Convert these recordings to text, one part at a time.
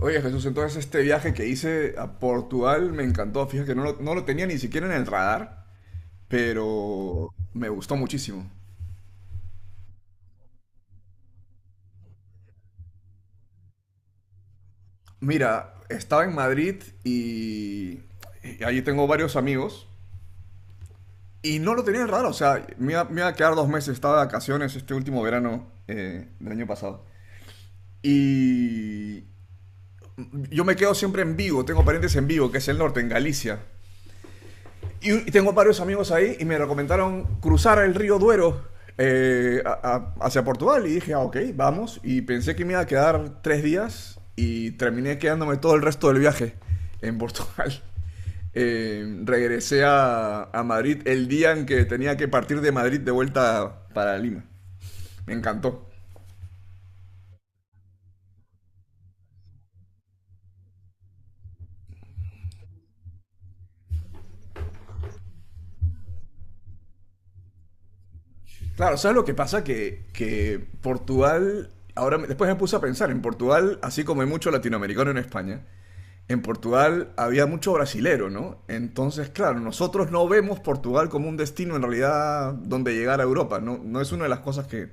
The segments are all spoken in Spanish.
Oye Jesús, entonces este viaje que hice a Portugal me encantó. Fíjate que no lo tenía ni siquiera en el radar, pero me gustó muchísimo. Mira, estaba en Madrid y allí tengo varios amigos y no lo tenía en el radar. O sea, me iba a quedar 2 meses, estaba de vacaciones este último verano del año pasado. Y yo me quedo siempre en Vigo, tengo parientes en Vigo, que es el norte, en Galicia. Y tengo varios amigos ahí y me recomendaron cruzar el río Duero hacia Portugal. Y dije, ah, ok, vamos. Y pensé que me iba a quedar 3 días y terminé quedándome todo el resto del viaje en Portugal. Regresé a Madrid el día en que tenía que partir de Madrid de vuelta para Lima. Me encantó. Claro, ¿sabes lo que pasa? Que Portugal, ahora después me puse a pensar, en Portugal, así como hay mucho latinoamericano en España, en Portugal había mucho brasilero, ¿no? Entonces, claro, nosotros no vemos Portugal como un destino en realidad donde llegar a Europa, ¿no? No es una de las cosas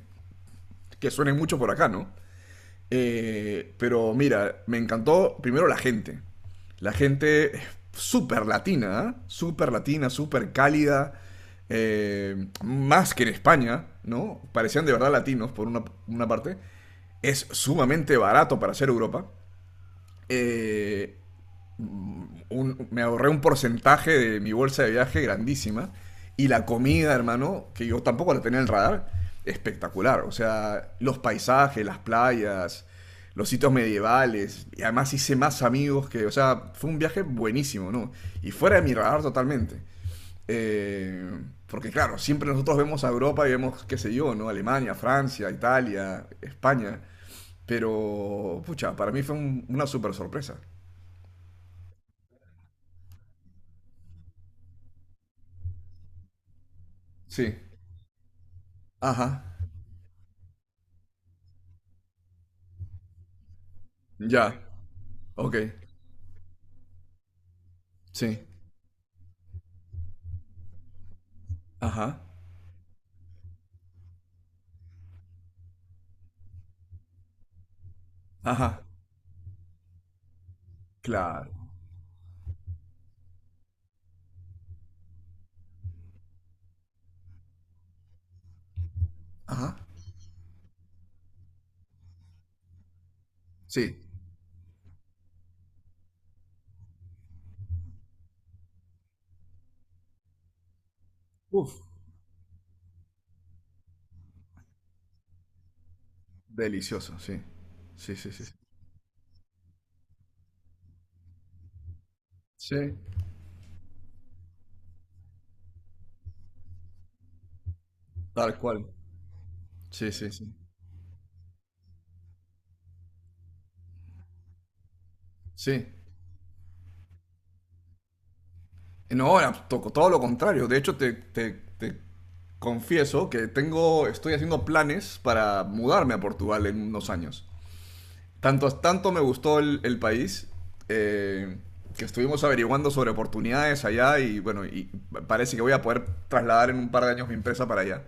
que suenen mucho por acá, ¿no? Pero mira, me encantó primero la gente. La gente es súper latina, ¿eh? Súper latina, súper cálida. Más que en España, ¿no? Parecían de verdad latinos por una parte. Es sumamente barato para hacer Europa. Eh, Me ahorré un porcentaje de mi bolsa de viaje grandísima. Y la comida, hermano, que yo tampoco la tenía en el radar, espectacular. O sea, los paisajes, las playas, los sitios medievales. Y además hice más amigos o sea, fue un viaje buenísimo, ¿no? Y fuera de mi radar totalmente. Eh, Porque claro, siempre nosotros vemos a Europa y vemos, qué sé yo, ¿no? Alemania, Francia, Italia, España. Pero, pucha, para mí fue una super sorpresa. Sí. Ajá. Ya, ok, sí, ajá, ajá, claro, ajá, sí, uf, delicioso, sí, sí, sí, sí, sí, sí, tal cual, sí, sí, sí, sí, no, ahora toco todo lo contrario, de hecho te confieso que tengo, estoy haciendo planes para mudarme a Portugal en unos años. Tanto me gustó el país, eh, que estuvimos averiguando sobre oportunidades allá y bueno, y parece que voy a poder trasladar en un par de años mi empresa para allá.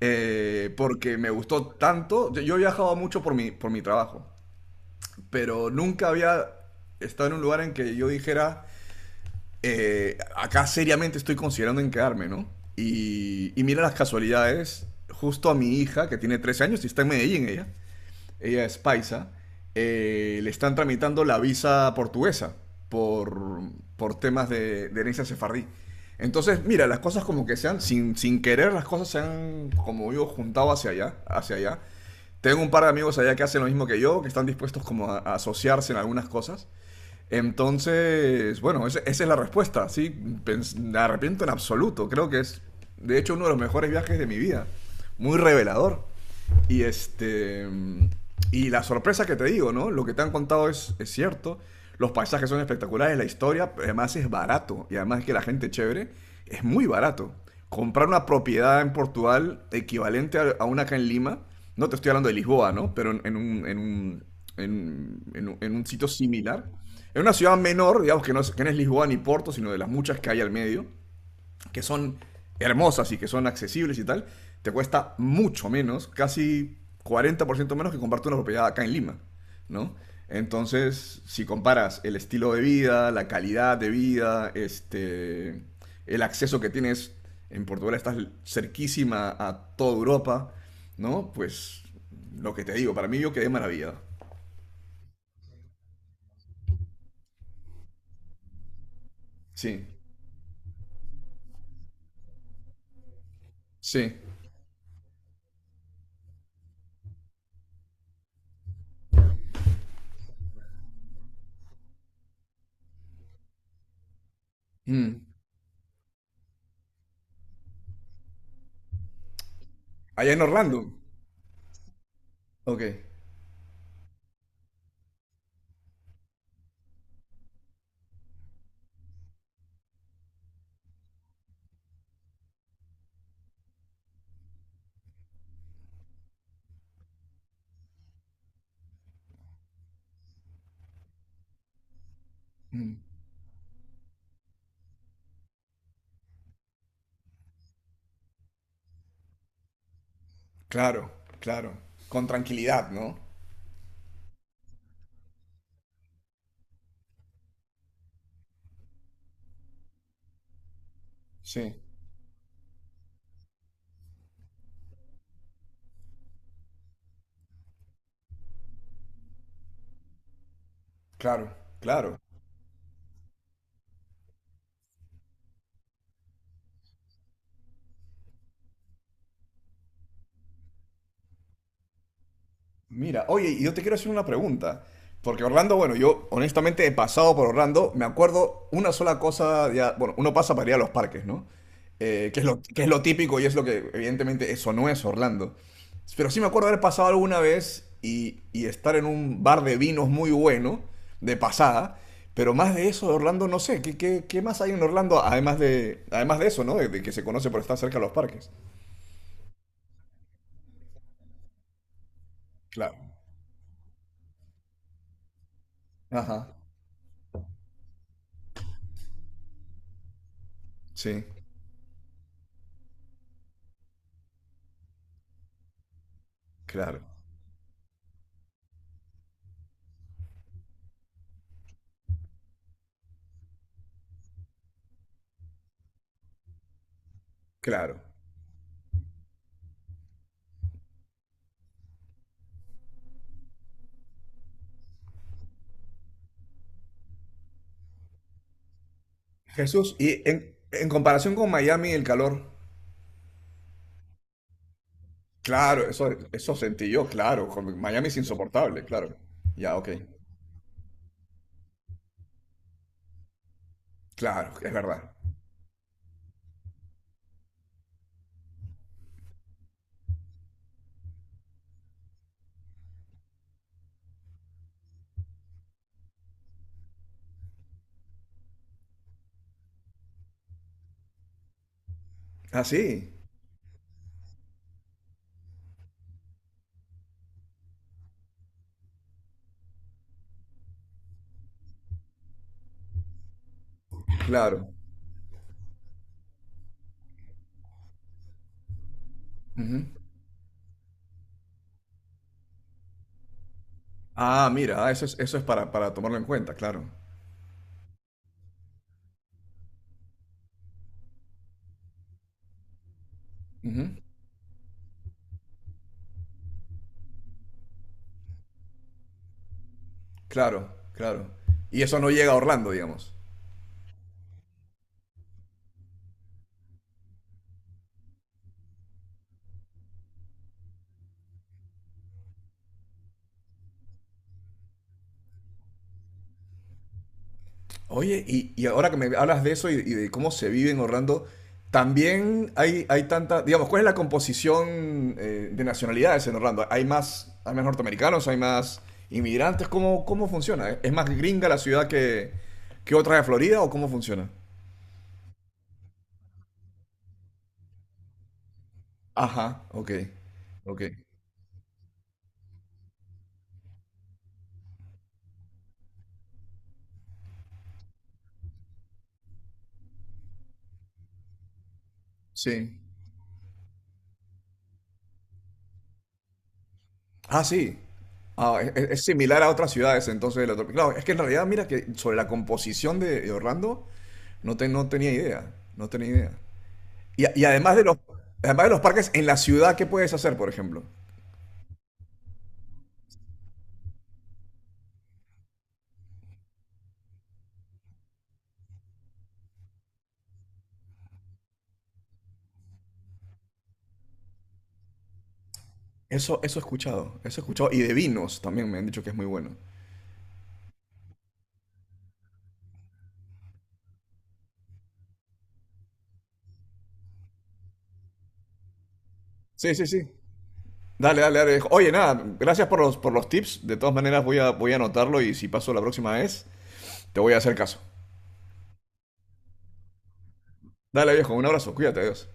Porque me gustó tanto, yo he viajado mucho por por mi trabajo, pero nunca había estado en un lugar en que yo dijera, acá seriamente estoy considerando en quedarme, ¿no? Y mira las casualidades, justo a mi hija, que tiene 13 años y está en Medellín ella, ella es paisa, le están tramitando la visa portuguesa por, por temas de herencia sefardí. Entonces, mira, las cosas como que sean, sin querer, las cosas se han, como digo, juntado hacia allá, hacia allá. Tengo un par de amigos allá que hacen lo mismo que yo, que están dispuestos como a asociarse en algunas cosas. Entonces, bueno, esa es la respuesta, sí. Me arrepiento en absoluto. Creo que es, de hecho, uno de los mejores viajes de mi vida. Muy revelador. Y este. Y la sorpresa que te digo, ¿no? Lo que te han contado es cierto. Los paisajes son espectaculares, la historia, además es barato. Y además es que la gente es chévere, es muy barato. Comprar una propiedad en Portugal equivalente a una acá en Lima, no te estoy hablando de Lisboa, ¿no? Pero en un sitio similar, en una ciudad menor, digamos que no es Lisboa ni Porto, sino de las muchas que hay al medio, que son hermosas y que son accesibles y tal, te cuesta mucho menos, casi 40% menos que comprarte una propiedad acá en Lima, ¿no? Entonces, si comparas el estilo de vida, la calidad de vida, este, el acceso que tienes en Portugal, estás cerquísima a toda Europa, ¿no? Pues lo que te digo, para mí yo quedé maravillado. Sí. Sí. Mm. Allá en Orlando. Ok. Mm. Claro, claro. Con tranquilidad, ¿no? Sí, claro, claro. Mira, oye, y yo te quiero hacer una pregunta. Porque Orlando, bueno, yo honestamente he pasado por Orlando, me acuerdo una sola cosa, ya, bueno, uno pasa para ir a los parques, ¿no? Que es que es lo típico y es lo que evidentemente eso no es Orlando. Pero sí me acuerdo haber pasado alguna vez y estar en un bar de vinos muy bueno, de pasada, pero más de eso de Orlando no sé, qué más hay en Orlando además de eso? ¿No? De que se conoce por estar cerca de los parques. Claro. Ajá, sí, claro, claro. Jesús, y en comparación con Miami, el calor, claro, eso sentí yo, claro, con Miami es insoportable, claro. Ya, ok, claro, es verdad. Ah, sí, claro. Ujú. Ah, mira, ah, eso es para tomarlo en cuenta, claro. Ujú. Claro, claro. Y eso no llega a Orlando, digamos. Oye, y ahora que me hablas de eso y de cómo se vive en Orlando, también hay tanta, digamos, ¿cuál es la composición de nacionalidades en Orlando? Hay más norteamericanos, hay más inmigrantes? Cómo funciona? ¿Es más gringa la ciudad que otra de Florida o cómo funciona? Ajá, ok, ok, sí. Ah, sí. Ah, es similar a otras ciudades, entonces. Claro, es que en realidad, mira que sobre la composición de Orlando, no tenía idea, no tenía idea. Y además de los parques, en la ciudad, ¿qué puedes hacer, por ejemplo? Eso he escuchado, eso he escuchado. Y de vinos también me han dicho que es muy bueno. Sí, sí, sí. Dale, dale, dale. Oye, nada, gracias por por los tips. De todas maneras, voy a anotarlo y si paso la próxima vez, te voy a hacer caso. Dale, viejo, un abrazo, cuídate, adiós.